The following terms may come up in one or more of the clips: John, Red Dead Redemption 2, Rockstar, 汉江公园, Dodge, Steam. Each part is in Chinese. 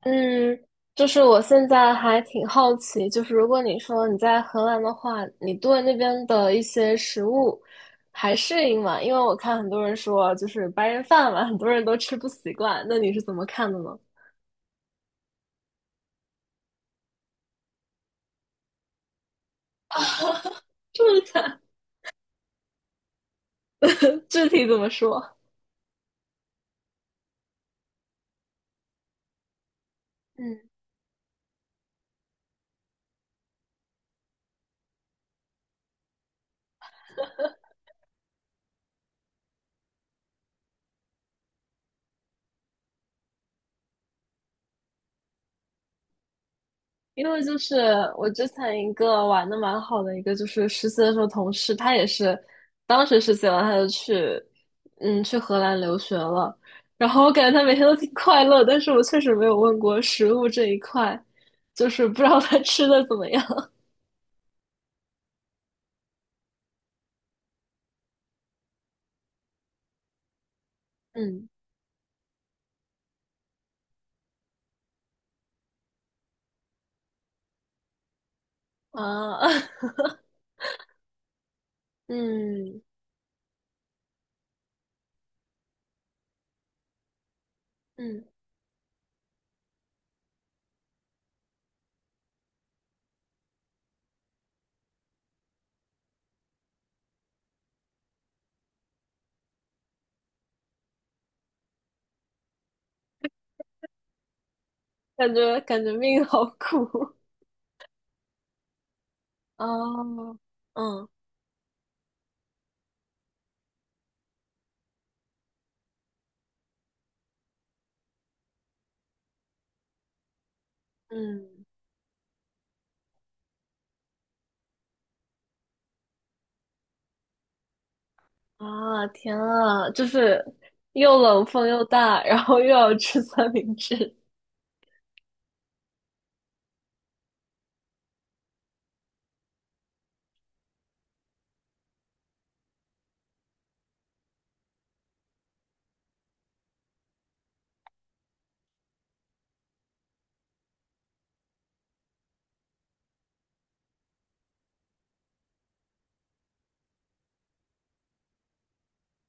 嗯，就是我现在还挺好奇，就是如果你说你在荷兰的话，你对那边的一些食物还适应吗？因为我看很多人说，就是白人饭嘛，很多人都吃不习惯。那你是怎么看的呢？这么惨，具体怎么说？嗯。因为就是我之前一个玩的蛮好的一个，就是实习的时候同事，他也是当时实习完他就去，去荷兰留学了。然后我感觉他每天都挺快乐，但是我确实没有问过食物这一块，就是不知道他吃的怎么样。嗯啊，嗯嗯，感觉命好苦。哦，嗯嗯。啊，天啊，就是又冷风又大，然后又要吃三明治，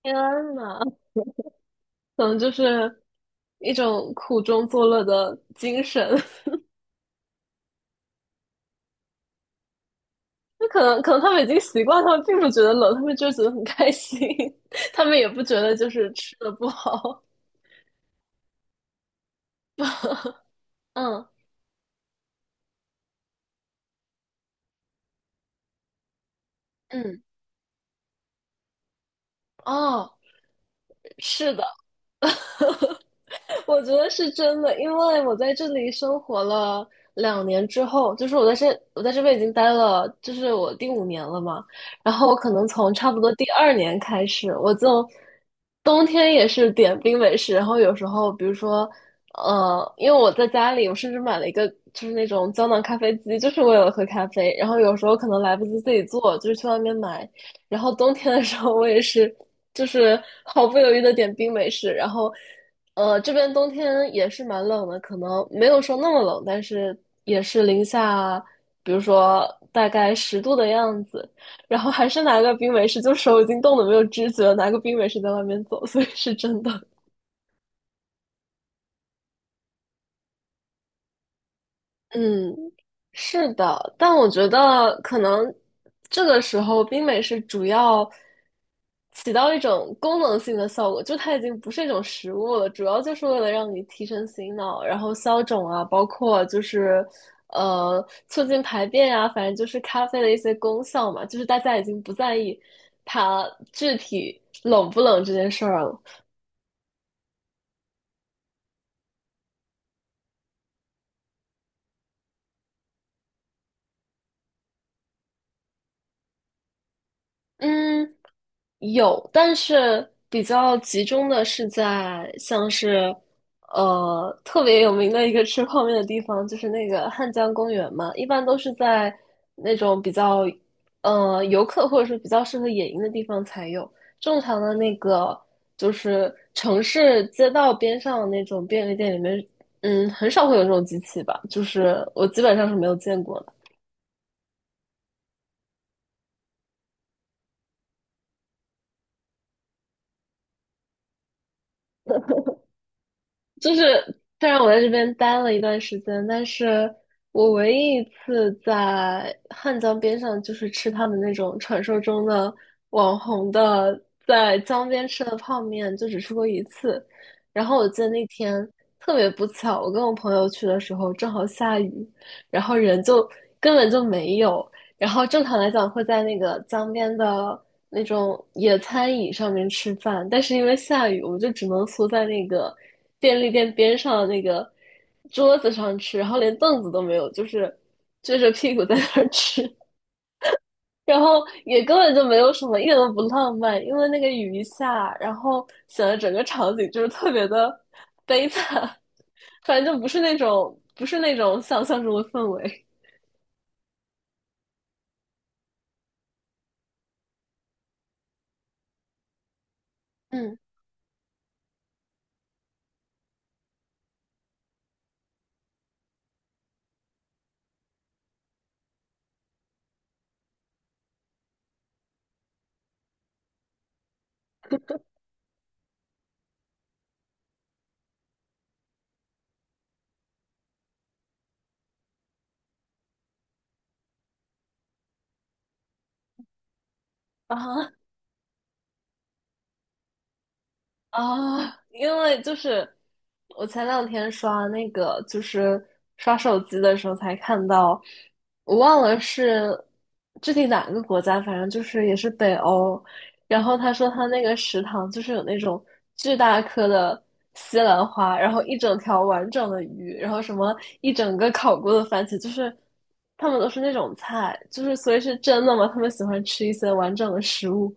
天呐，可能就是一种苦中作乐的精神。就可能他们已经习惯，他们并不觉得冷，他们就觉得很开心，他们也不觉得就是吃的不好。嗯嗯，哦，是的。我觉得是真的，因为我在这里生活了两年之后，就是我在这边已经待了，就是我第五年了嘛。然后我可能从差不多第二年开始，我就冬天也是点冰美式，然后有时候比如说，因为我在家里，我甚至买了一个就是那种胶囊咖啡机，就是为了喝咖啡。然后有时候可能来不及自己做，就是去外面买。然后冬天的时候，我也是，就是毫不犹豫的点冰美式。然后，这边冬天也是蛮冷的，可能没有说那么冷，但是也是零下，比如说大概十度的样子。然后还是拿个冰美式，就手已经冻得没有知觉了，拿个冰美式在外面走，所以是真的。嗯，是的，但我觉得可能这个时候冰美式主要起到一种功能性的效果，就它已经不是一种食物了，主要就是为了让你提神醒脑，然后消肿啊，包括就是促进排便啊，反正就是咖啡的一些功效嘛，就是大家已经不在意它具体冷不冷这件事儿了。嗯，有，但是比较集中的是在像是，特别有名的一个吃泡面的地方，就是那个汉江公园嘛。一般都是在那种比较，游客或者是比较适合野营的地方才有。正常的那个就是城市街道边上那种便利店里面，嗯，很少会有这种机器吧。就是我基本上是没有见过的。就是，虽然我在这边待了一段时间，但是我唯一一次在汉江边上，就是吃他们那种传说中的网红的在江边吃的泡面，就只吃过一次。然后我记得那天特别不巧，我跟我朋友去的时候正好下雨，然后人就根本就没有。然后正常来讲会在那个江边的那种野餐椅上面吃饭，但是因为下雨，我们就只能缩在那个便利店边上的那个桌子上吃，然后连凳子都没有，就是撅着屁股在那儿吃，然后也根本就没有什么，一点都不浪漫，因为那个雨一下，然后显得整个场景就是特别的悲惨，反正就不是那种想象中的氛围，嗯啊。啊，因为就是我前两天刷那个，就是刷手机的时候才看到，我忘了是具体哪个国家，反正就是也是北欧。然后他说他那个食堂就是有那种巨大颗的西兰花，然后一整条完整的鱼，然后什么一整个烤过的番茄，就是他们都是那种菜，就是所以是真的吗？他们喜欢吃一些完整的食物。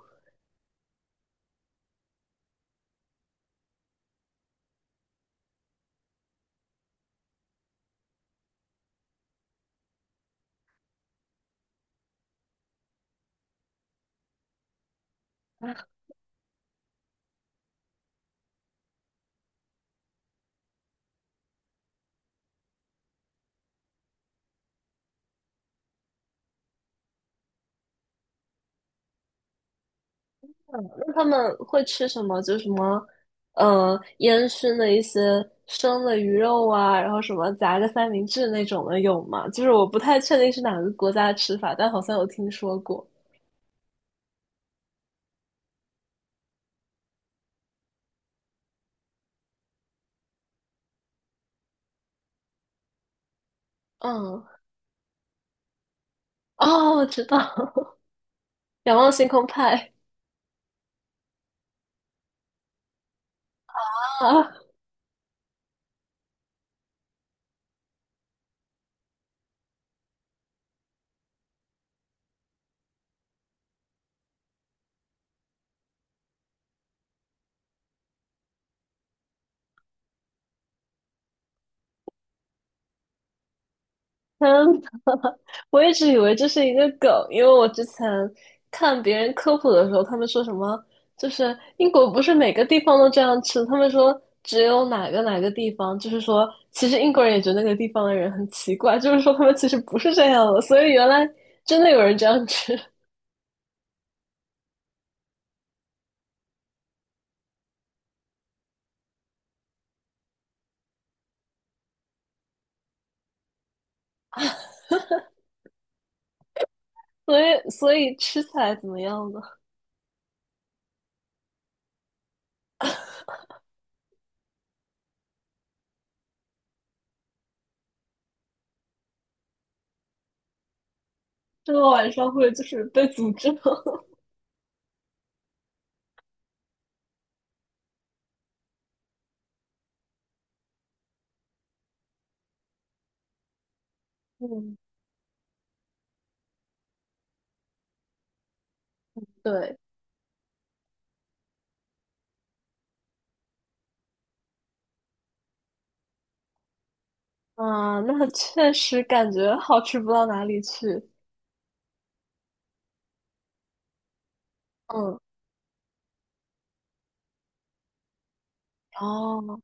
那他们会吃什么？就什么，烟熏的一些生的鱼肉啊，然后什么夹个三明治那种的有吗？就是我不太确定是哪个国家的吃法，但好像有听说过。嗯，哦，我知道，仰望星空派啊，嗯。我一直以为这是一个梗，因为我之前看别人科普的时候，他们说什么就是英国不是每个地方都这样吃，他们说只有哪个哪个地方，就是说其实英国人也觉得那个地方的人很奇怪，就是说他们其实不是这样的，所以原来真的有人这样吃，所以吃起来怎么样呢？这个晚上会就是被诅咒。嗯，对，啊，那确实感觉好吃不到哪里去。嗯，哦。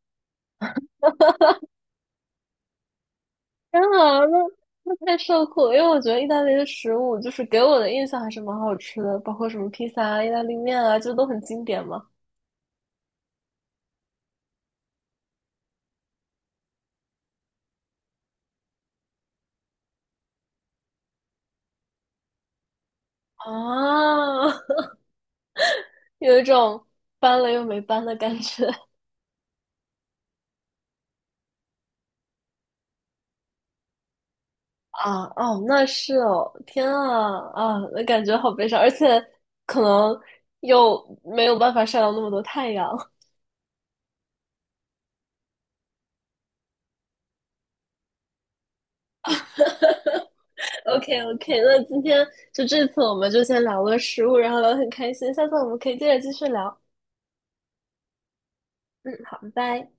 天啊，那太受苦了，因为我觉得意大利的食物就是给我的印象还是蛮好吃的，包括什么披萨啊、意大利面啊，就都很经典嘛。啊，有一种搬了又没搬的感觉啊！哦，那是哦，天啊啊，那感觉好悲伤，而且可能又没有办法晒到那么多太阳。OK OK，那今天就这次我们就先聊了食物，然后聊得很开心，下次我们可以接着继续聊。嗯，好，拜拜。